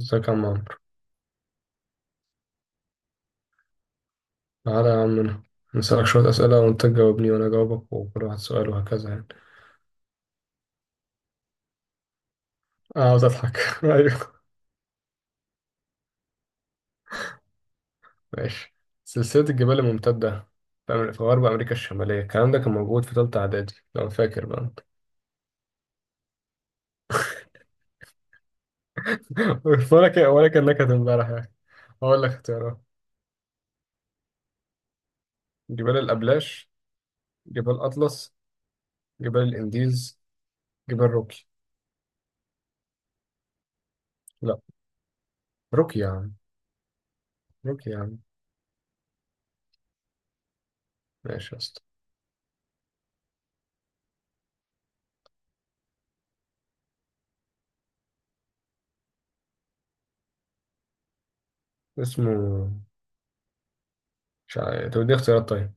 ازيك يا عم عمرو. تعالى يا عم، انا نسألك شوية أسئلة وأنت تجاوبني وأنا أجاوبك وكل واحد سؤال وهكذا يعني. أنا عاوز أضحك. أيوه. ماشي. سلسلة الجبال الممتدة في في غرب أمريكا الشمالية، الكلام ده كان موجود في تالتة إعدادي لو فاكر بقى أنت. ولا كان ولا كأنك امبارح يعني. هقول لك اختيارات: جبال الأبلاش، جبال أطلس، جبال الإنديز، جبال روكي. لا، روكي يا عم، روكي يا عم. ماشي يا اسطى. اسمه مش عارف، طب دي اختيارات طيب.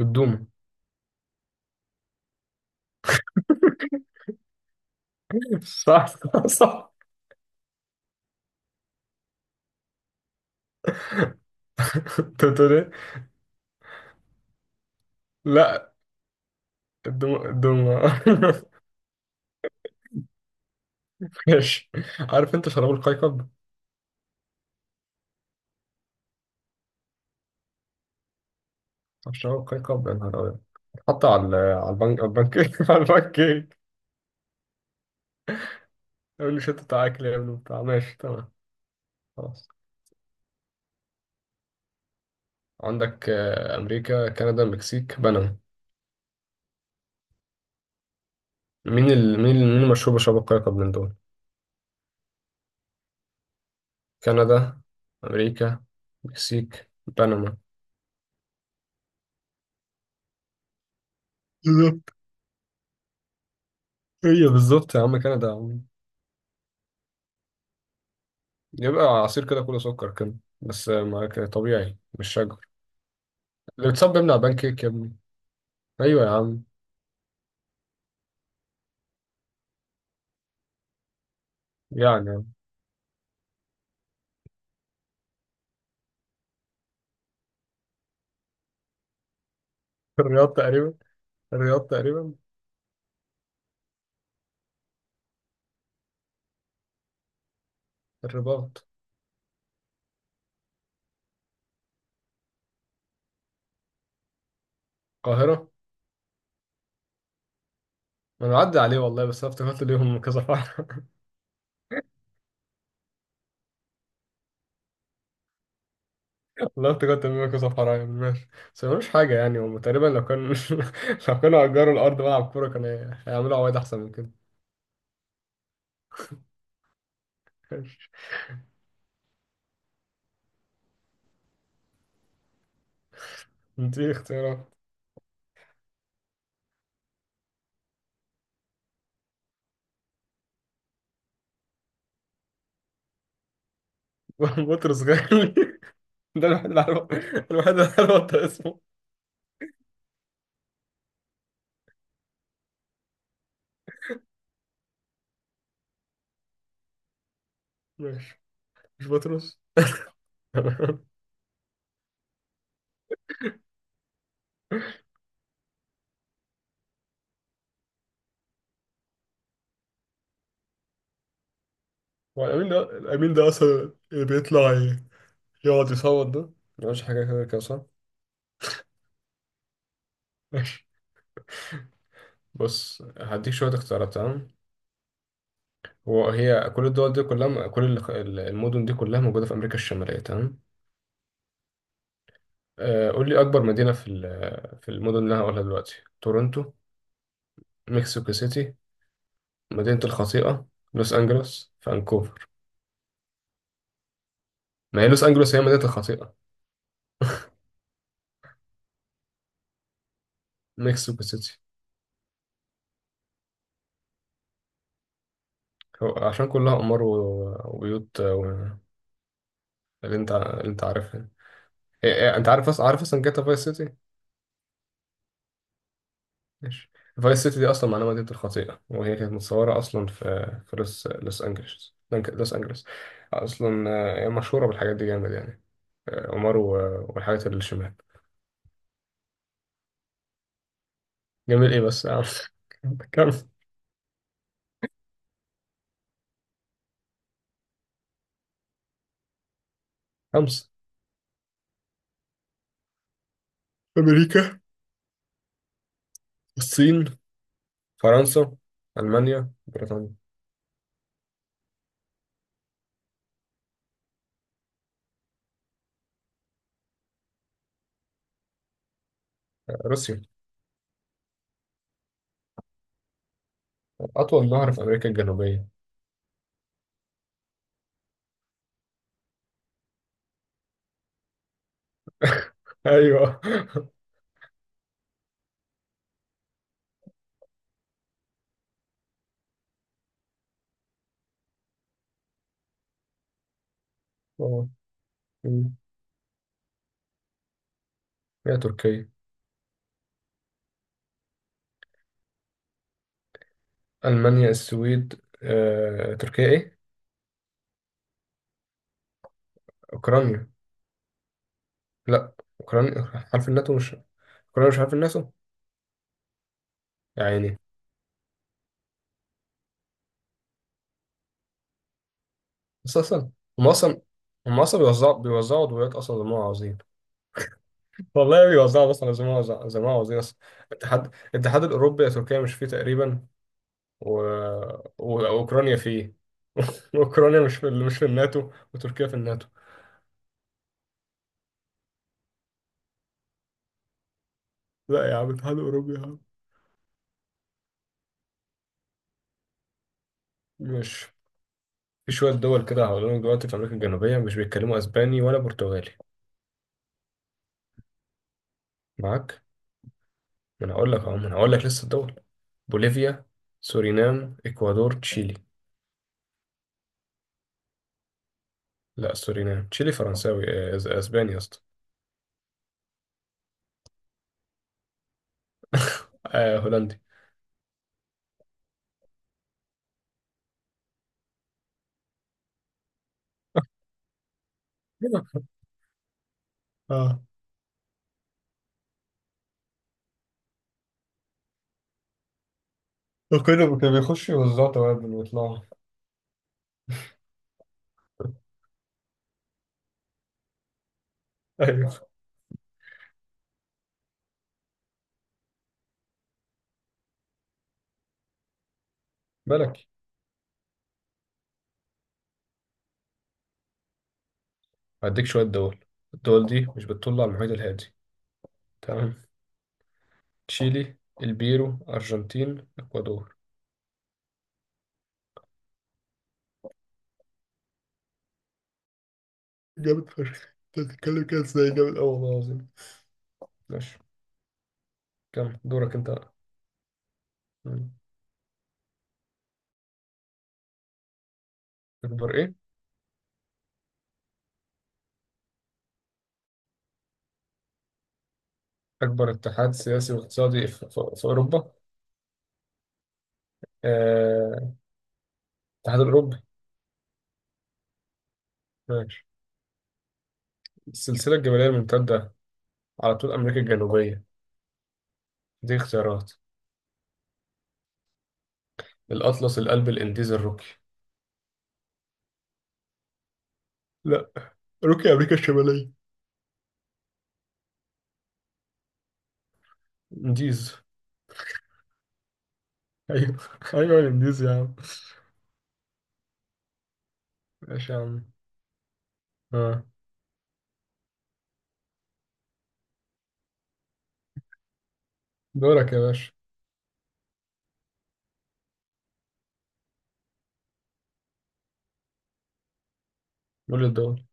الدوم. صح. صح. انت بتقول ايه؟ لا، الدوم الدوم. ماشي. عارف انت شراب القيقب؟ عارف شراب القيقب يا نهار ابيض. حط على البنك، على البنك، على البنك كيك. يقول لي شت بتاع اكل يا ابني بتاع. ماشي تمام. خلاص. عندك امريكا، كندا، المكسيك، بنما. مين المشهور بشراب القيقب من دول؟ كندا، امريكا، المكسيك، بنما. بالظبط. هي بالظبط يا عم، كندا يا عم. يبقى عصير كده كله سكر كده، بس ما ك- طبيعي مش شجر. اللي بتصاب بيمنع بان كيك يا ابني. ايوه يا عم. يعني. الرياض تقريبا. الرياض تقريبا. الرباط، القاهرة. انا عدى عليه والله، بس انا افتكرت ليهم كذا فرع. والله افتكرت ليهم كذا فرع يعني. ماشي. بس ملوش حاجة يعني، هم تقريبا لو كان لو كانوا أجروا الأرض ملعب كورة كان هيعملوا عوايد أحسن من كده. ماشي، دي اختيارات. بطرس غالي. ده الوحيد اللي عارف، الوحيد اللي عارف انت اسمه. ماشي. مش بطرس. هو الأمين ده، الأمين ده أصلا اللي بيطلع يقعد يصوت، ده ملوش حاجة كده كده صح؟ ماشي. بص، هديك شوية اختيارات تمام. هو هي كل الدول دي كلها، كل المدن دي كلها موجودة في أمريكا الشمالية تمام. قول لي أكبر مدينة في في المدن اللي أنا هقولها دلوقتي. تورونتو، مكسيكو سيتي، مدينة الخطيئة، لوس أنجلوس، فانكوفر. ما هي لوس أنجلوس هي مدينة الخطيئة. مكسيكو سيتي. هو عشان كلها أمار وبيوت اللي أنت، اللي أنت عارفها. إيه- إيه، أنت عارف أصلا، عارف أصلا جاتا فايس سيتي. ماشي. فايس سيتي دي اصلا معناها مدينه الخطيئه، وهي كانت متصوره اصلا في لوس انجلوس، لوس انجلوس اصلا. هي مشهوره بالحاجات دي جامد يعني. عمر والحاجات اللي الشمال. جميل ايه بس كم. خمسة: أمريكا، الصين، فرنسا، ألمانيا، بريطانيا. روسيا. أطول نهر في أمريكا الجنوبية. أيوه. آه. مم. هي تركيا. ألمانيا، السويد، تركيا، إيه؟ أوكرانيا. لا. أوكرانيا. حرف الناتو مش كولر، مش عارف الناسه. يا عيني. بس اصلا هم اصلا هم اصلا بيوزعوا عضويات اصلا زي ما هو عاوزين. والله بيوزعوا اصلا زي ما هو عاوزين اصلا. الاتحاد الاوروبي يا تركيا مش فيه تقريبا. و... واوكرانيا فيه. اوكرانيا مش في الناتو، وتركيا في الناتو. لا يا عم، الاتحاد الاوروبي يا عم. مش في شويه دول كده هقول لك دلوقتي في امريكا الجنوبيه مش بيتكلموا اسباني ولا برتغالي. معاك. ما انا هقول لك اهو ما انا هقول لك لسه الدول: بوليفيا، سورينام، اكوادور، تشيلي. لا، سورينام. تشيلي فرنساوي. اسباني يا اسطى. آه، هولندي. اه، وكله كان بيخش يوزعوا توابل ويطلعوا. ايوه ملكي. هديك شويه دول. الدول دي مش بتطل على المحيط الهادي. تمام: تشيلي، البيرو، ارجنتين، اكوادور. جامد فشخ، انت بتتكلم كده ازاي، جامد قوي والله العظيم. ماشي. كم؟ دورك انت. مم. اكبر ايه؟ اكبر اتحاد سياسي واقتصادي في اوروبا. آه، الاتحاد الاوروبي. ماشي. السلسله الجبليه الممتده على طول أمريكا الجنوبية، دي اختيارات: الأطلس، القلب، الإنديز، الروكي. لا، روكي أمريكا الشمالية. إنديز. أيوه. أيوه الإنديز يا عم. ماشي يا عم. آه. دورك يا باشا. قول الدول.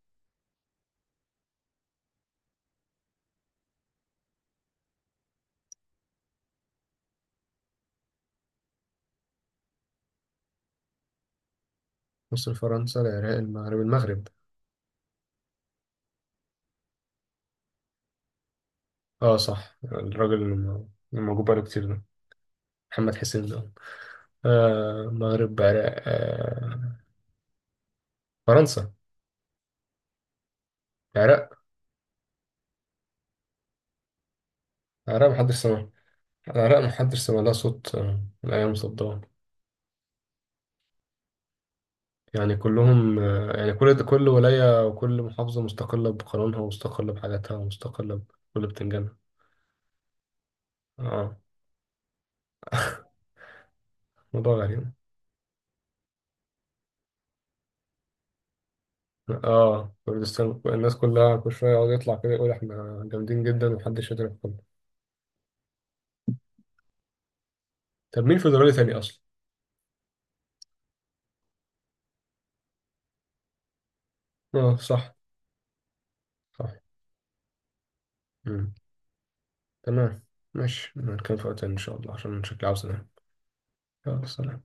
مصر، فرنسا، العراق، المغرب. المغرب. اه صح، الراجل اللي اللي موجود بقاله كتير ده، محمد حسين ده. آه مغرب، عراق. آه. فرنسا. عراق. عراق محدش سمع. العراق محدش سمع لها صوت من أيام صدام. يعني كلهم يعني كل ولاية وكل محافظة مستقلة بقانونها، ومستقلة بحاجاتها، ومستقلة بكل بتنجانها. اه. موضوع غريب. اه كردستان، الناس كلها كل شوية يقعد يطلع كده يقول احنا جامدين جدا ومحدش يقدر يدخلنا. طب مين فيدرالي تاني أصلا؟ اه صح. صح. مم. تمام. ماشي، نتكلم في وقت تاني إن شاء الله عشان شكلي عاوز أنام. يلا سلام.